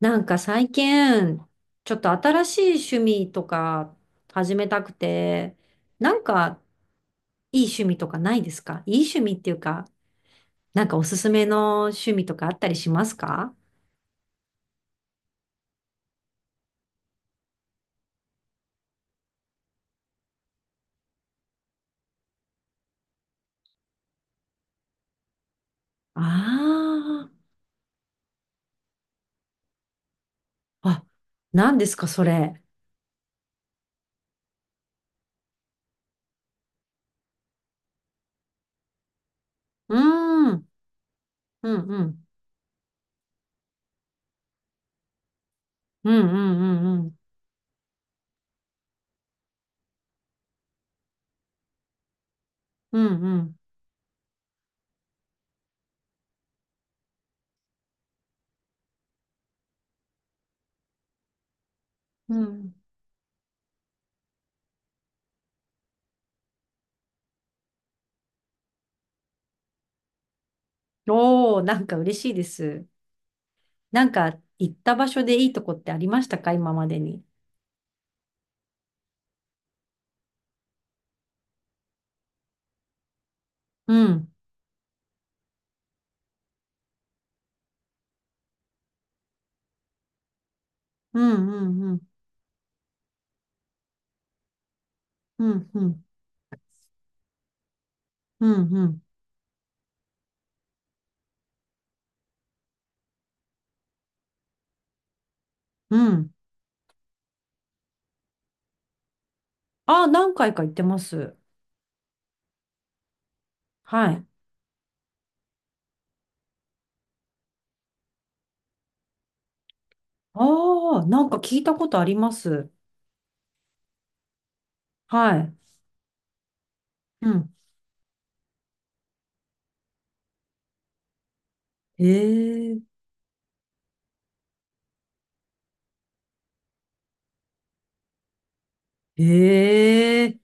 なんか最近、ちょっと新しい趣味とか始めたくて、なんかいい趣味とかないですか？いい趣味っていうか、なんかおすすめの趣味とかあったりしますか？ああー、あ、何ですかそれ。うーん、うんうん、うんうんうんうん、うんうん、うん。おー、なんか嬉しいです。なんか行った場所でいいとこってありましたか、今までに？うん、うんうんうん、うんうん、うんうん。うん。ああ、何回か行ってます。はい。ああ、なんか聞いたことあります。はい。うん。ええ、ええ、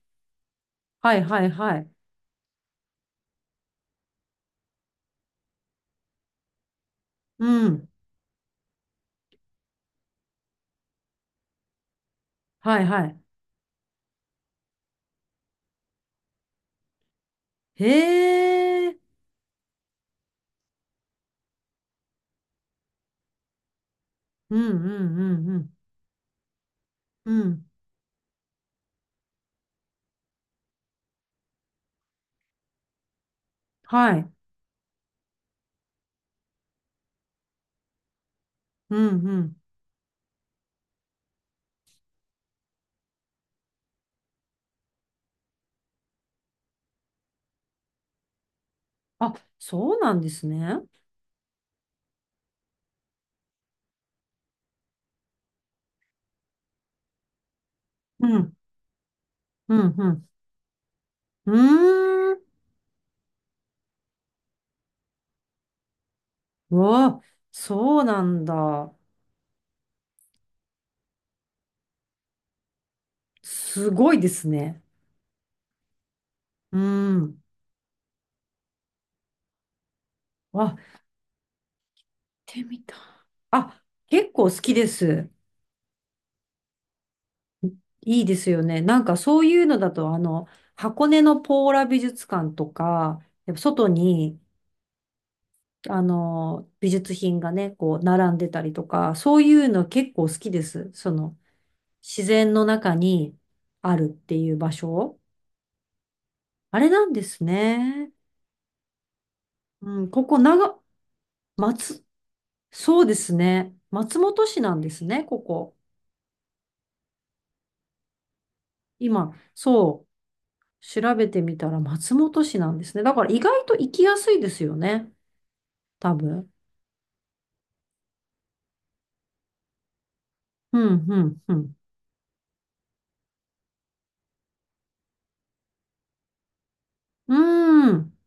はいはいはい。うん。はいはい。へえ、うんうんうんうん。うん。はい。うんうん。あ、そうなんですね。うん。うんうん。うーん。うわ、そうなんだ。すごいですね。うん。あ、行ってみたい。あ、結構好きです。いいですよね。なんかそういうのだと、あの、箱根のポーラ美術館とか、やっぱ外に、あの、美術品がね、こう、並んでたりとか、そういうの結構好きです。その、自然の中にあるっていう場所。あれなんですね。うん、ここ、長、松、そうですね。松本市なんですね、ここ。今、そう。調べてみたら松本市なんですね。だから意外と行きやすいですよね。多分。うん、うん、うん。うーん。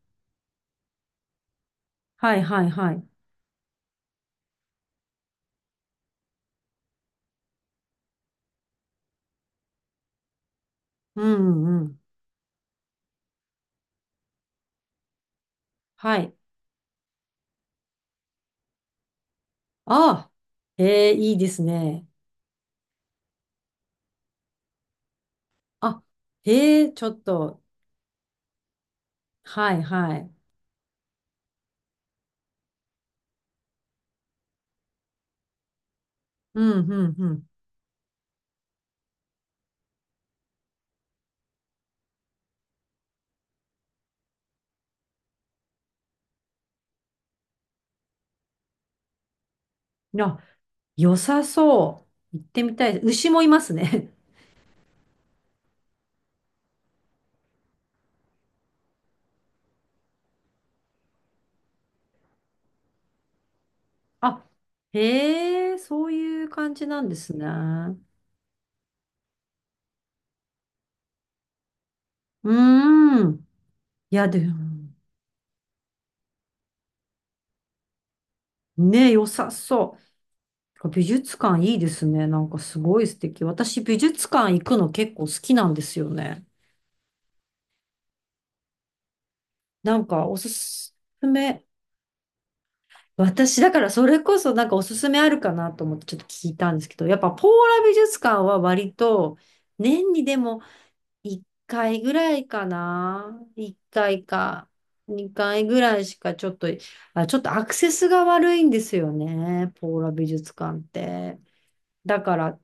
はい、はい、はい。うん、うん。はい。ああ。ええ、いいですね。あ、ええ、ちょっと。はい、はい。うん、うん、うん。いや、良さそう。行ってみたい。牛もいますね。あ、へえ、そういう感じなんですね。うーん。いや、でも、ね、良さそう。美術館いいですね。なんかすごい素敵。私美術館行くの結構好きなんですよね。なんかおすすめ。私だからそれこそなんかおすすめあるかなと思ってちょっと聞いたんですけど、やっぱポーラ美術館は割と年にでも1回ぐらいかな。1回か2回ぐらいしかちょっと、あ、ちょっとアクセスが悪いんですよね。ポーラ美術館って。だから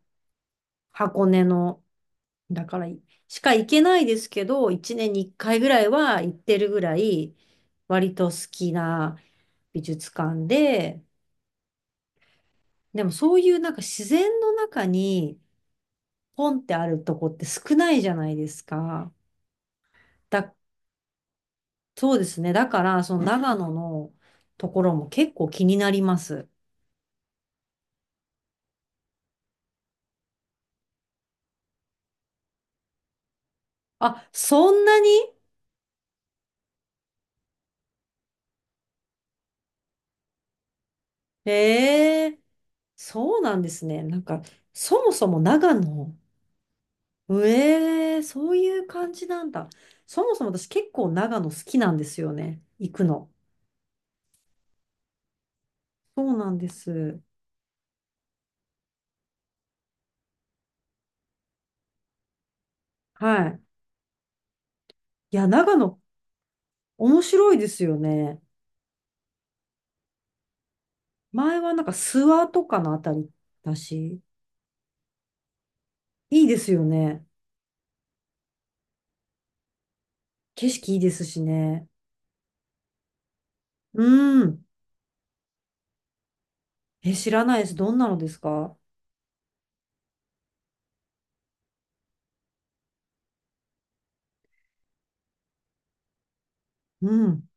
箱根のだから、しか行けないですけど、一年に一回ぐらいは行ってるぐらい、割と好きな美術館で、でもそういうなんか自然の中にポンってあるとこって少ないじゃないですか。だ、そうですね。だから、その長野のところも結構気になります。あ、そんなに？ええーそうなんですね。なんか、そもそも長野、ええそういう感じなんだ。そもそも私結構長野好きなんですよね。行くの。そうなんです。はい。いや、長野面白いですよね。前はなんか諏訪とかのあたりだし、いいですよね。景色いいですしね。うん。え、知らないです。どんなのですか？うん。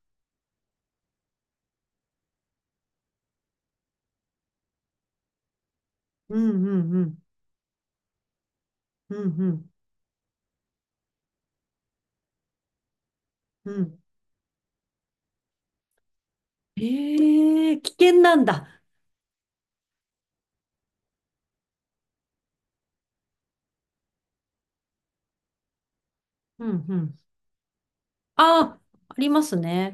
うんうんうん。うんうんうん。ええ危険なんだ。うんうん。ああ、ありますね。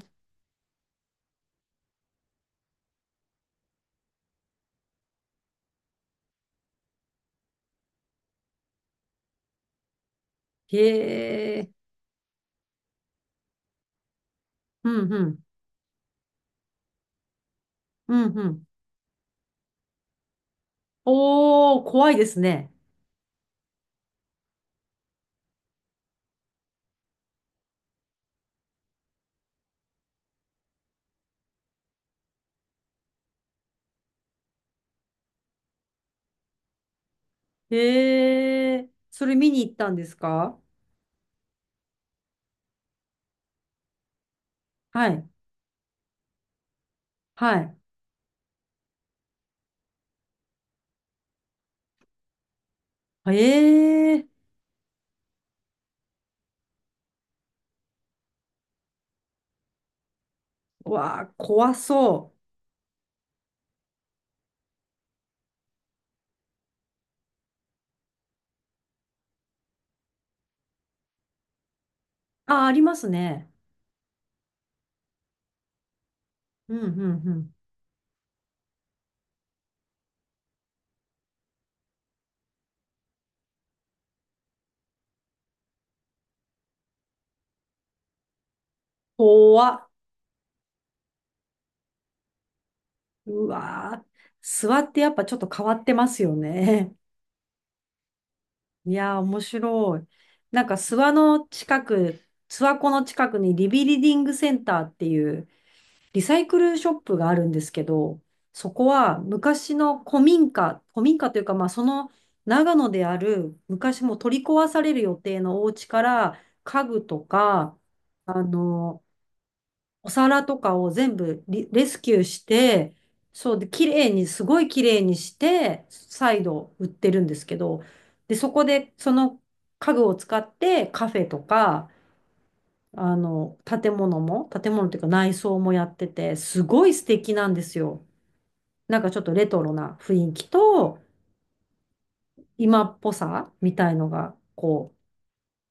へえ。うんうん。うんうん。おー、怖いですね。へえ、それ見に行ったんですか？はい、はい。ええ、わあ、怖そう。あ、ありますね。うんうんうん。怖っ。うわあ、諏訪ってやっぱちょっと変わってますよね。いやー、面白い。なんか諏訪の近く、諏訪湖の近くにリビリディングセンターっていう、リサイクルショップがあるんですけど、そこは昔の古民家というか、まあ、その長野である昔もう取り壊される予定のお家から家具とか、あの、お皿とかを全部リレスキューして、そうで、綺麗に、すごい綺麗にして、再度売ってるんですけど、で、そこでその家具を使ってカフェとか、あの、建物っていうか内装もやってて、すごい素敵なんですよ。なんかちょっとレトロな雰囲気と、今っぽさみたいのが、こう、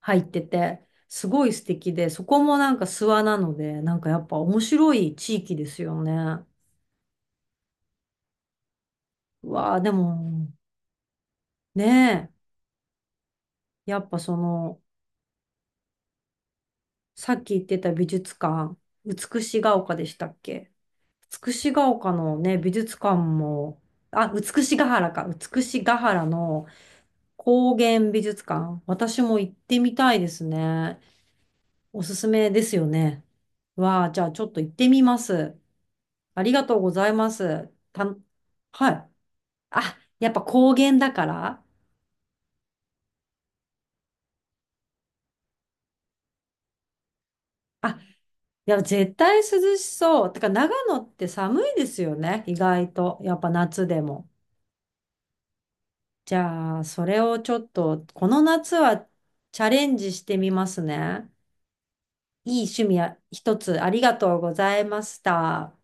入ってて、すごい素敵で、そこもなんか諏訪なので、なんかやっぱ面白い地域ですよね。うわあ、でも、ねえ、やっぱその、さっき言ってた美術館、美しが丘でしたっけ？美しが丘のね、美術館も、あ、美しが原か。美しが原の高原美術館。私も行ってみたいですね。おすすめですよね。わあ、じゃあちょっと行ってみます。ありがとうございます。はい。あ、やっぱ高原だから。いや、絶対涼しそう。てか、長野って寒いですよね。意外と。やっぱ夏でも。じゃあ、それをちょっと、この夏はチャレンジしてみますね。いい趣味や一つありがとうございました。